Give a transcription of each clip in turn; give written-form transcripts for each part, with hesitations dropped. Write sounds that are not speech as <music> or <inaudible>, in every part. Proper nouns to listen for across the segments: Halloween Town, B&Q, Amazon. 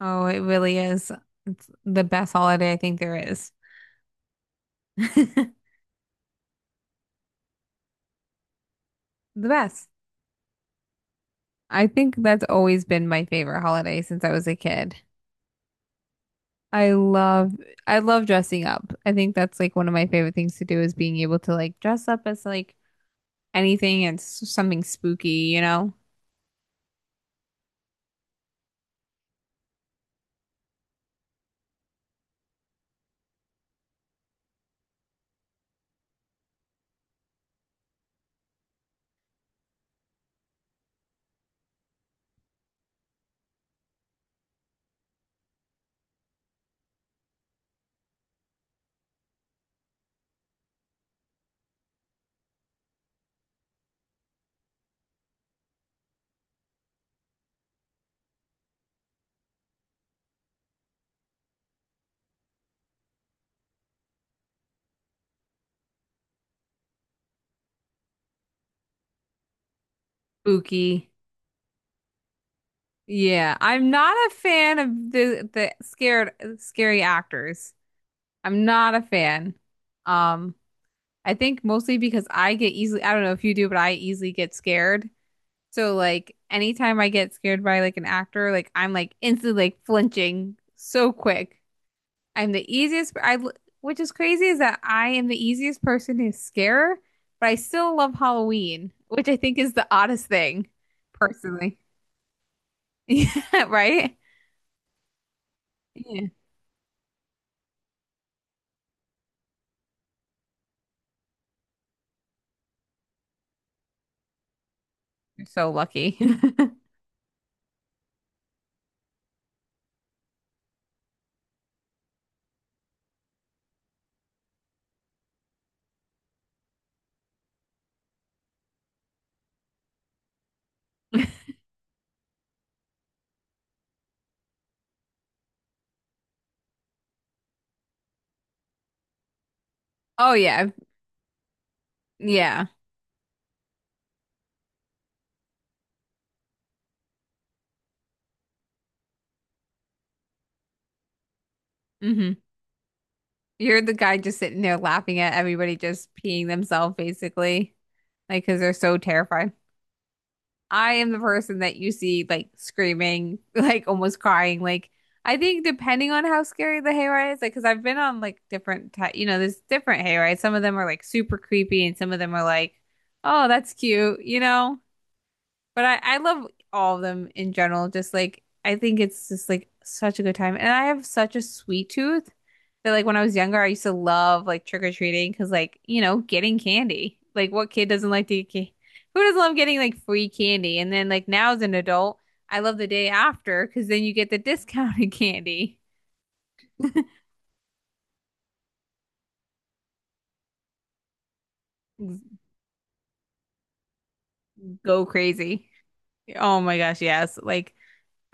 Oh, it really is. It's the best holiday I think there is. <laughs> The best. I think that's always been my favorite holiday since I was a kid. I love I love dressing up. I think that's like one of my favorite things to do is being able to like dress up as like anything and something spooky, you know? Spooky. Yeah, I'm not a fan of the scared scary actors. I'm not a fan. Um I think mostly because I get easily, I don't know if you do, but I easily get scared. So like anytime I get scared by like an actor, like I'm like instantly like flinching so quick. I'm the easiest, which is crazy is that I am the easiest person to scare, but I still love Halloween, which I think is the oddest thing, personally. <laughs> Yeah, right? Yeah. You're so lucky. <laughs> Oh yeah. Yeah. Hmm. You're the guy just sitting there laughing at everybody just peeing themselves, basically, like because they're so terrified. I am the person that you see like screaming, <laughs> like almost crying. Like I think depending on how scary the hayride is, like because I've been on like different, ty you know, there's different hayrides. Some of them are like super creepy, and some of them are like, oh, that's cute, you know. But I love all of them in general. Just like I think it's just like such a good time. And I have such a sweet tooth that like when I was younger, I used to love like trick-or-treating because like, you know, getting candy. Like what kid doesn't like to get candy? Who doesn't love getting like free candy? And then like now as an adult, I love the day after because then you get the <laughs> discounted candy. Go crazy. Oh my gosh, yes. Like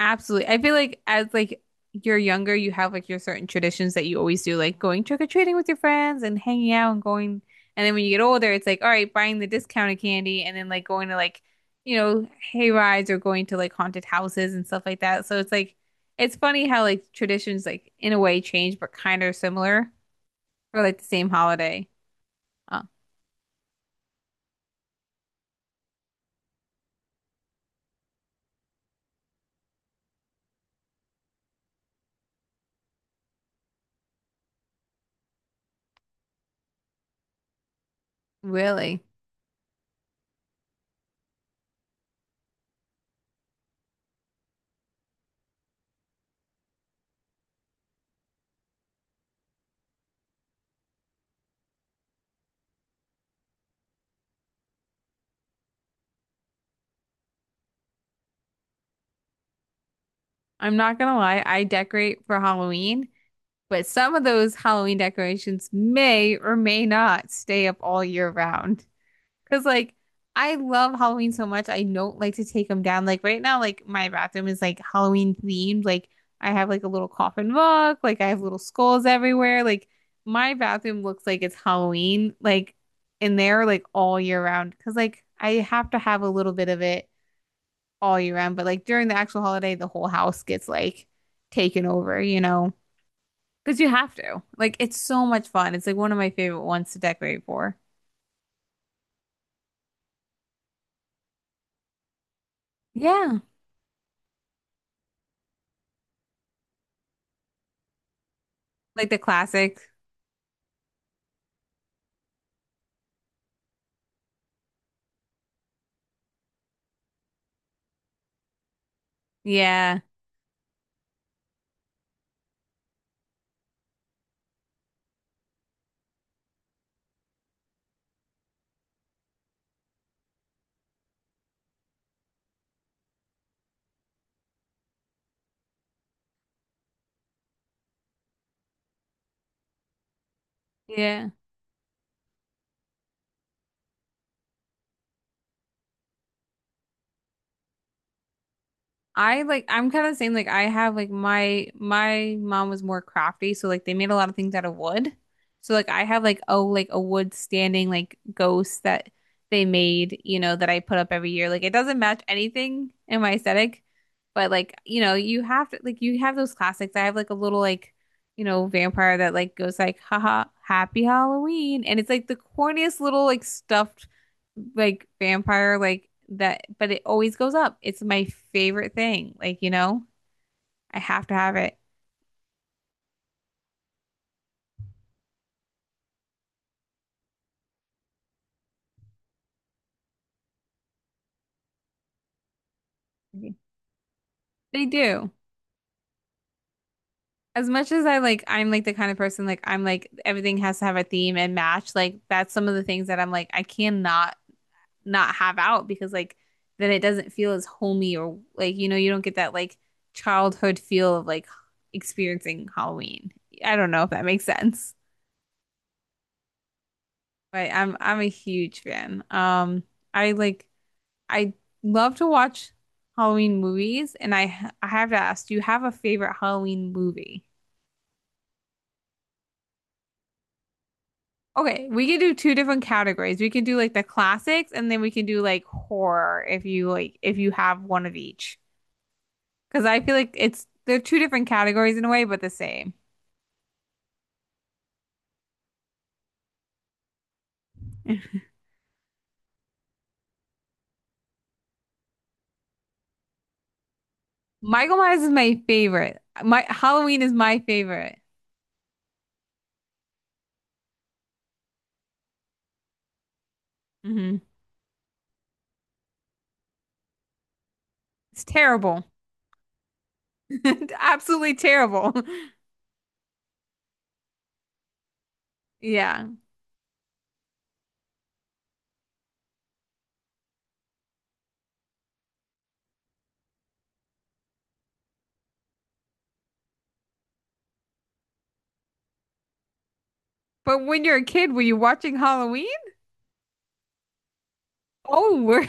absolutely. I feel like as like you're younger, you have like your certain traditions that you always do, like going trick-or-treating with your friends and hanging out and going. And then when you get older, it's like, all right, buying the discounted candy and then like going to like, you know, hay rides or going to like haunted houses and stuff like that. So it's like it's funny how like traditions like in a way change but kind of similar for like the same holiday. Oh, really? I'm not gonna lie, I decorate for Halloween, but some of those Halloween decorations may or may not stay up all year round. Because, like, I love Halloween so much. I don't like to take them down. Like, right now, like, my bathroom is like Halloween themed. Like, I have like a little coffin book, like, I have little skulls everywhere. Like, my bathroom looks like it's Halloween, like, in there, like, all year round. Because, like, I have to have a little bit of it all year round. But, like, during the actual holiday, the whole house gets like taken over, you know? Because you have to. Like, it's so much fun. It's like one of my favorite ones to decorate for. Yeah. Like the classic. Yeah. Yeah. I like I'm kind of the same like I have like my mom was more crafty so like they made a lot of things out of wood. So like I have like oh like a wood standing like ghost that they made, you know, that I put up every year. Like it doesn't match anything in my aesthetic, but like you know, you have to like you have those classics. I have like a little like you know vampire that like goes like haha happy Halloween and it's like the corniest little like stuffed like vampire like that, but it always goes up. It's my favorite thing. Like, you know, I have to have it. They do. As much as I like, I'm like the kind of person like I'm like everything has to have a theme and match. Like that's some of the things that I'm like I cannot not have out because like then it doesn't feel as homey or like you know you don't get that like childhood feel of like experiencing Halloween. I don't know if that makes sense, but I'm a huge fan. I like I love to watch Halloween movies, and I have to ask, do you have a favorite Halloween movie? Okay, we can do two different categories. We can do like the classics, and then we can do like horror if you like if you have one of each. Because I feel like it's they're two different categories in a way, but the same. Michael Myers is my favorite. My Halloween is my favorite. Hmm. It's terrible. <laughs> Absolutely terrible. <laughs> Yeah. But when you're a kid, were you watching Halloween? Oh, we're.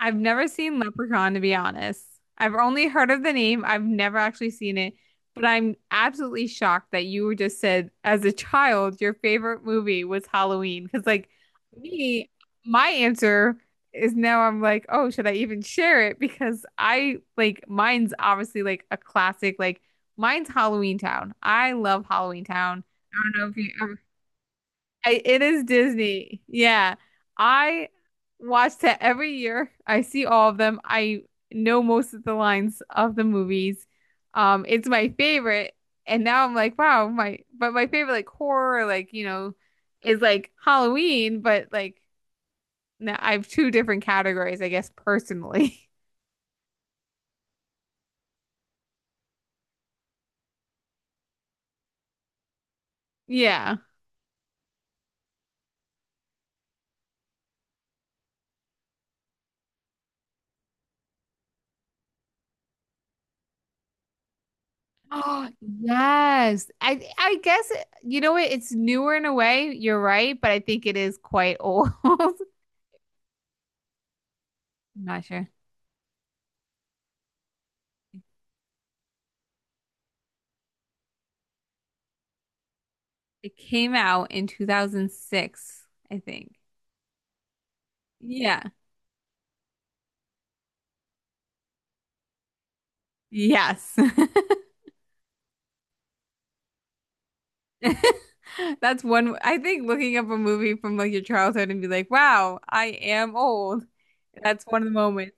I've never seen Leprechaun, to be honest. I've only heard of the name. I've never actually seen it, but I'm absolutely shocked that you just said, as a child, your favorite movie was Halloween. Because, like, me, my answer is now I'm like, oh, should I even share it? Because I like mine's obviously like a classic. Like, mine's Halloween Town. I love Halloween Town. I don't know if you ever it is Disney. Yeah. I watch that every year. I see all of them. I know most of the lines of the movies. It's my favorite. And now I'm like, wow, my but my favorite like horror, like, you know, is like Halloween, but like now I have two different categories, I guess personally. <laughs> Yeah. Oh, yes. I guess you know what? It's newer in a way. You're right, but I think it is quite old. <laughs> I'm not sure. It came out in 2006, I think. Yeah. Yes. <laughs> That's one. I think looking up a movie from like your childhood and be like, wow, I am old. That's one of the moments.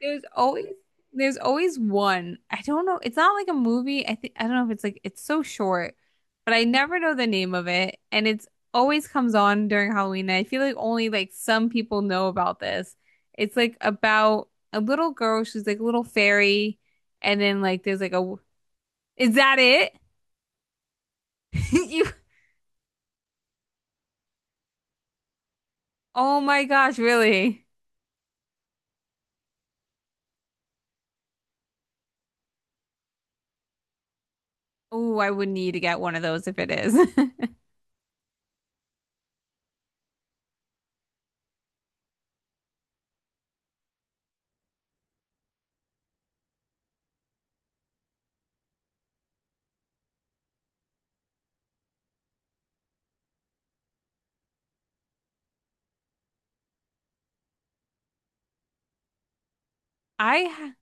There's always there's always one. I don't know. It's not like a movie. I think I don't know if it's like it's so short, but I never know the name of it, and it's always comes on during Halloween. And I feel like only like some people know about this. It's like about a little girl. She's like a little fairy, and then like there's like a. Is that it? <laughs> You. Oh my gosh! Really? Oh, I would need to get one of those if it is. <laughs> I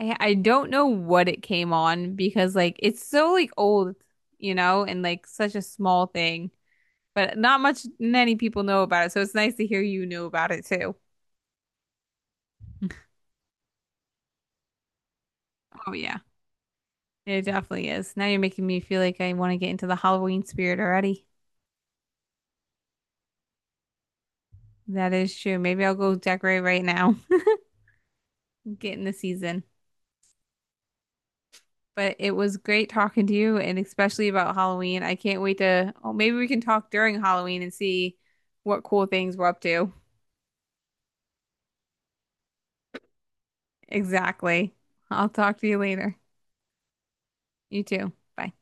I don't know what it came on because like it's so like old, you know, and like such a small thing, but not much many people know about it. So it's nice to hear you know about it too. <laughs> Oh yeah. It definitely is. Now you're making me feel like I want to get into the Halloween spirit already. That is true. Maybe I'll go decorate right now, <laughs> get in the season. But it was great talking to you and especially about Halloween. I can't wait to, oh, maybe we can talk during Halloween and see what cool things we're up to. Exactly. I'll talk to you later. You too. Bye.